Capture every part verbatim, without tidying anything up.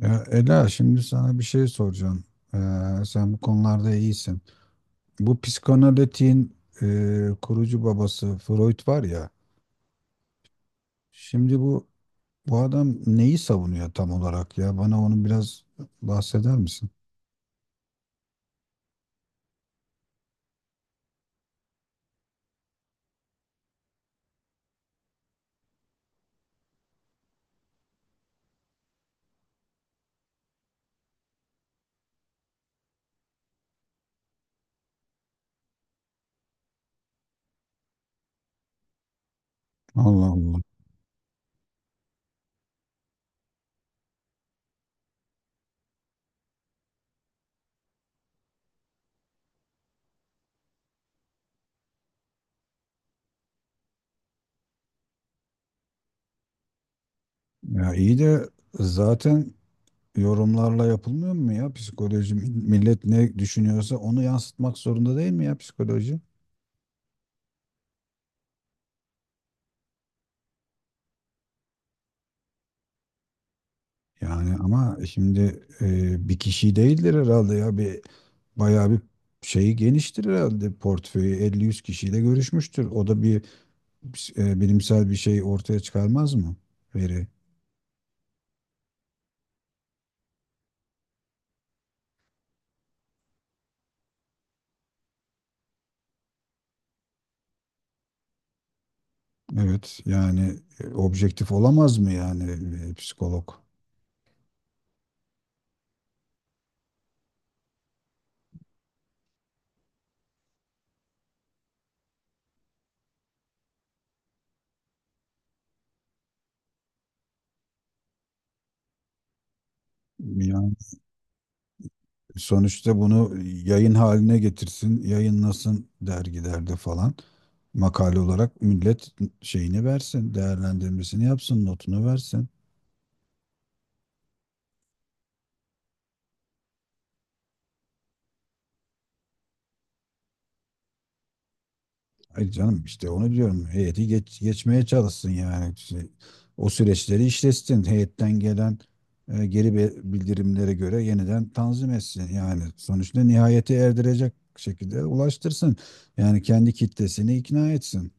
Ya Ela, şimdi sana bir şey soracağım. Ee, sen bu konularda iyisin. Bu psikanalitin e, kurucu babası Freud var ya. Şimdi bu bu adam neyi savunuyor tam olarak ya? Bana onu biraz bahseder misin? Allah Allah. Ya iyi de zaten yorumlarla yapılmıyor mu ya psikoloji? Millet ne düşünüyorsa onu yansıtmak zorunda değil mi ya psikoloji? Yani ama şimdi e, bir kişi değildir herhalde ya, bir bayağı bir şeyi geniştir herhalde, portföyü elli yüz kişiyle görüşmüştür. O da bir e, bilimsel bir şey ortaya çıkarmaz mı? Veri. Evet yani e, objektif olamaz mı yani e, psikolog? Yani sonuçta bunu yayın haline getirsin, yayınlasın dergilerde falan. Makale olarak millet şeyini versin, değerlendirmesini yapsın, notunu versin. Ay canım, işte onu diyorum. Heyeti geç, geçmeye çalışsın yani. Şey, o süreçleri işletsin. Heyetten gelen e, geri be- bildirimlere göre yeniden tanzim etsin. Yani sonuçta nihayete erdirecek şekilde ulaştırsın. Yani kendi kitlesini ikna etsin.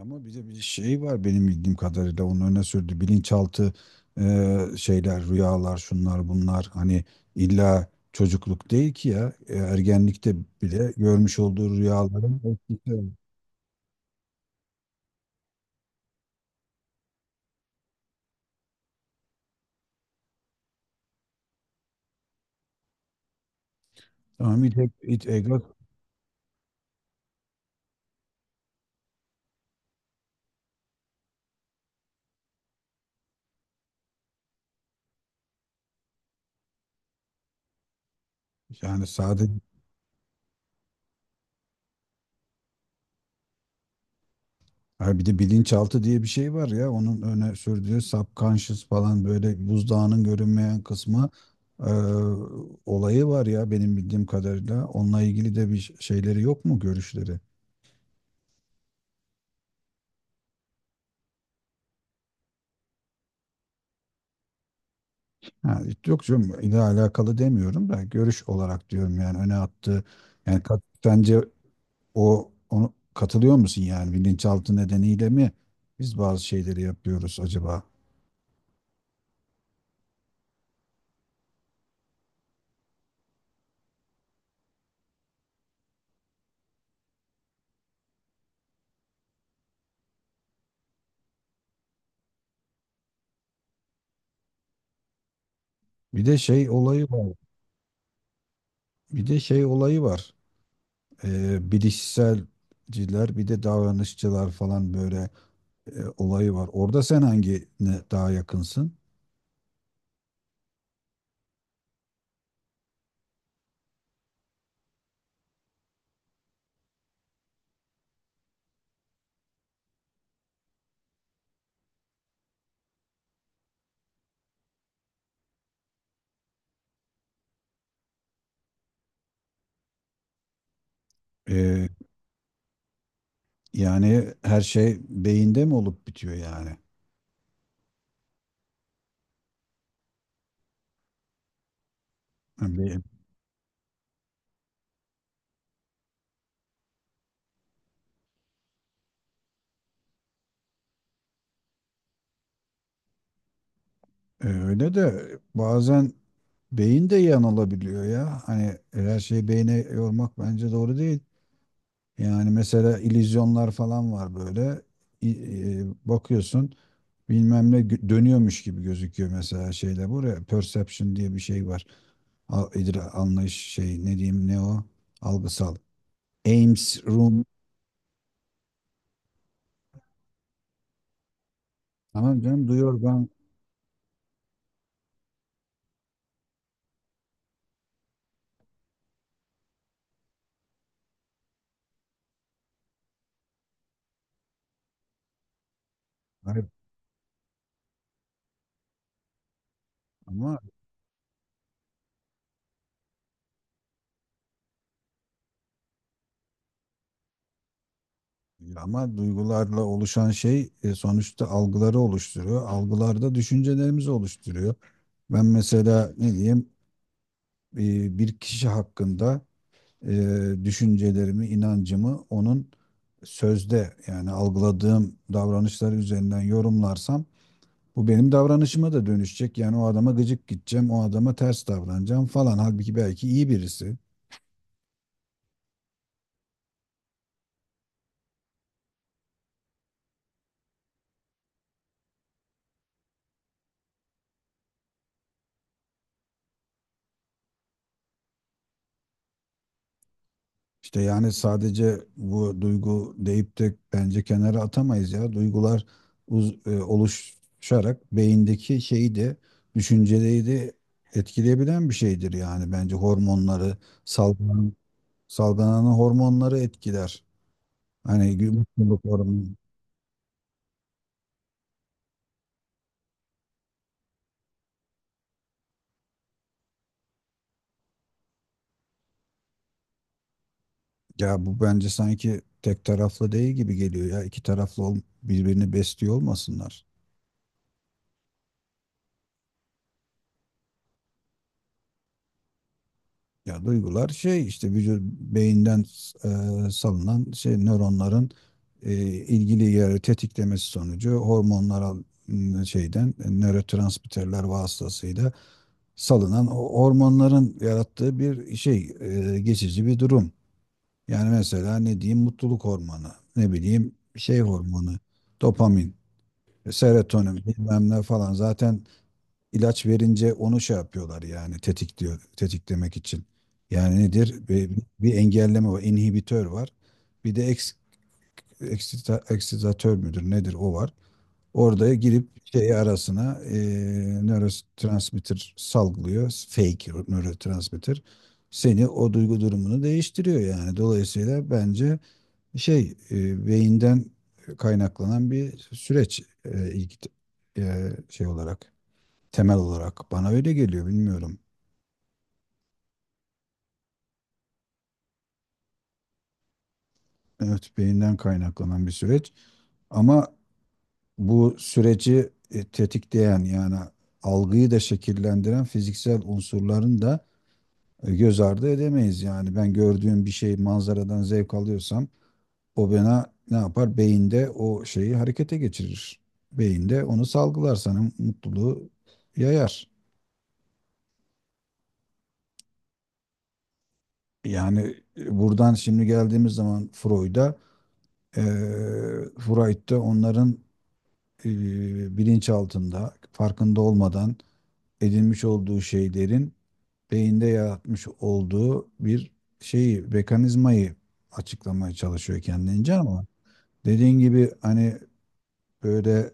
Ama bir de bir şey var benim bildiğim kadarıyla, onun öne sürdüğü bilinçaltı e, şeyler, rüyalar, şunlar bunlar, hani illa çocukluk değil ki ya. E, ergenlikte bile görmüş olduğu rüyaların etkisi. Tamam it, it ego yani sadece. Ha, bir de bilinçaltı diye bir şey var ya, onun öne sürdüğü subconscious falan, böyle buzdağının görünmeyen kısmı e, olayı var ya, benim bildiğim kadarıyla. Onunla ilgili de bir şeyleri yok mu, görüşleri? Ha, yok canım, ile alakalı demiyorum da görüş olarak diyorum, yani öne attığı. Yani kat- bence o onu katılıyor musun, yani bilinçaltı nedeniyle mi biz bazı şeyleri yapıyoruz acaba? Bir de şey olayı var. Bir de şey olayı var. Ee, bilişselciler bir de davranışçılar falan, böyle e, olayı var. Orada sen hangine daha yakınsın? Ee, Yani her şey beyinde mi olup bitiyor yani? Ha, be- e, Öyle de bazen beyin de yanılabiliyor ya. Hani e, her şeyi beyne yormak bence doğru değil. Yani mesela illüzyonlar falan var böyle. İ- e, bakıyorsun bilmem ne gö- dönüyormuş gibi gözüküyor mesela şeyde, buraya. Perception diye bir şey var. Al, idra- anlayış, şey, ne diyeyim, ne o? Algısal. Ames room. Tamam canım, duyuyor ben. Hayır, ama ama duygularla oluşan şey, e, sonuçta algıları oluşturuyor. Algılar da düşüncelerimizi oluşturuyor. Ben mesela ne diyeyim, e, bir kişi hakkında e, düşüncelerimi, inancımı onun sözde yani algıladığım davranışları üzerinden yorumlarsam, bu benim davranışıma da dönüşecek. Yani o adama gıcık gideceğim, o adama ters davranacağım falan. Halbuki belki iyi birisi. İşte yani sadece bu duygu deyip de bence kenara atamayız ya. Duygular uz- e, oluşarak beyindeki şeyi de, düşünceleri de etkileyebilen bir şeydir yani, bence hormonları salgılanan, salgılanan hormonları etkiler. Hani gü- mutluluk hormonu, ya bu bence sanki tek taraflı değil gibi geliyor ya. İki taraflı ol- birbirini besliyor olmasınlar. Ya duygular şey işte, vücut beyinden e, salınan şey, nöronların e, ilgili yeri tetiklemesi sonucu hormonlara, m, şeyden, e, nörotransmitterler vasıtasıyla salınan o hormonların yarattığı bir şey, e, geçici bir durum. Yani mesela ne diyeyim, mutluluk hormonu, ne bileyim şey hormonu, dopamin, serotonin bilmem ne falan, zaten ilaç verince onu şey yapıyorlar, yani tetikliyor, tetiklemek için. Yani nedir? Bir, bir engelleme var, inhibitör var. Bir de eks, eksita- eksitatör müdür nedir o var. Orada girip şey arasına e, nörotransmitter salgılıyor. Fake nörotransmitter. Seni o duygu durumunu değiştiriyor yani. Dolayısıyla bence şey, e, beyinden kaynaklanan bir süreç, e, ilk- e, şey olarak, temel olarak. Bana öyle geliyor, bilmiyorum. Evet, beyinden kaynaklanan bir süreç. Ama bu süreci e, tetikleyen, yani algıyı da şekillendiren fiziksel unsurların da e, göz ardı edemeyiz. Yani ben gördüğüm bir şey, manzaradan zevk alıyorsam, o bana ne yapar? Beyinde o şeyi harekete geçirir. Beyinde onu salgılar, sana mutluluğu yayar. Yani e, buradan şimdi geldiğimiz zaman Freud'a, e, Freud da onların e, bilinç altında, farkında olmadan edinmiş olduğu şeylerin beyinde yaratmış olduğu bir şeyi, mekanizmayı açıklamaya çalışıyor kendince ama dediğin gibi, hani böyle,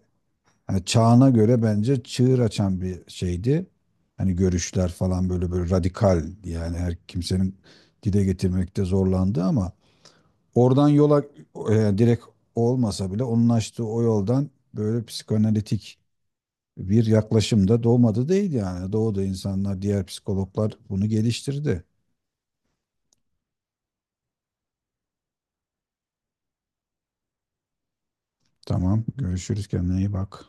hani çağına göre bence çığır açan bir şeydi. Hani görüşler falan böyle, böyle radikal yani, her kimsenin dile getirmekte zorlandı ama oradan yola e, direkt olmasa bile onun açtığı o yoldan böyle psikoanalitik bir yaklaşım da doğmadı değil yani. Doğuda insanlar, diğer psikologlar bunu geliştirdi. Tamam, görüşürüz, kendine iyi bak.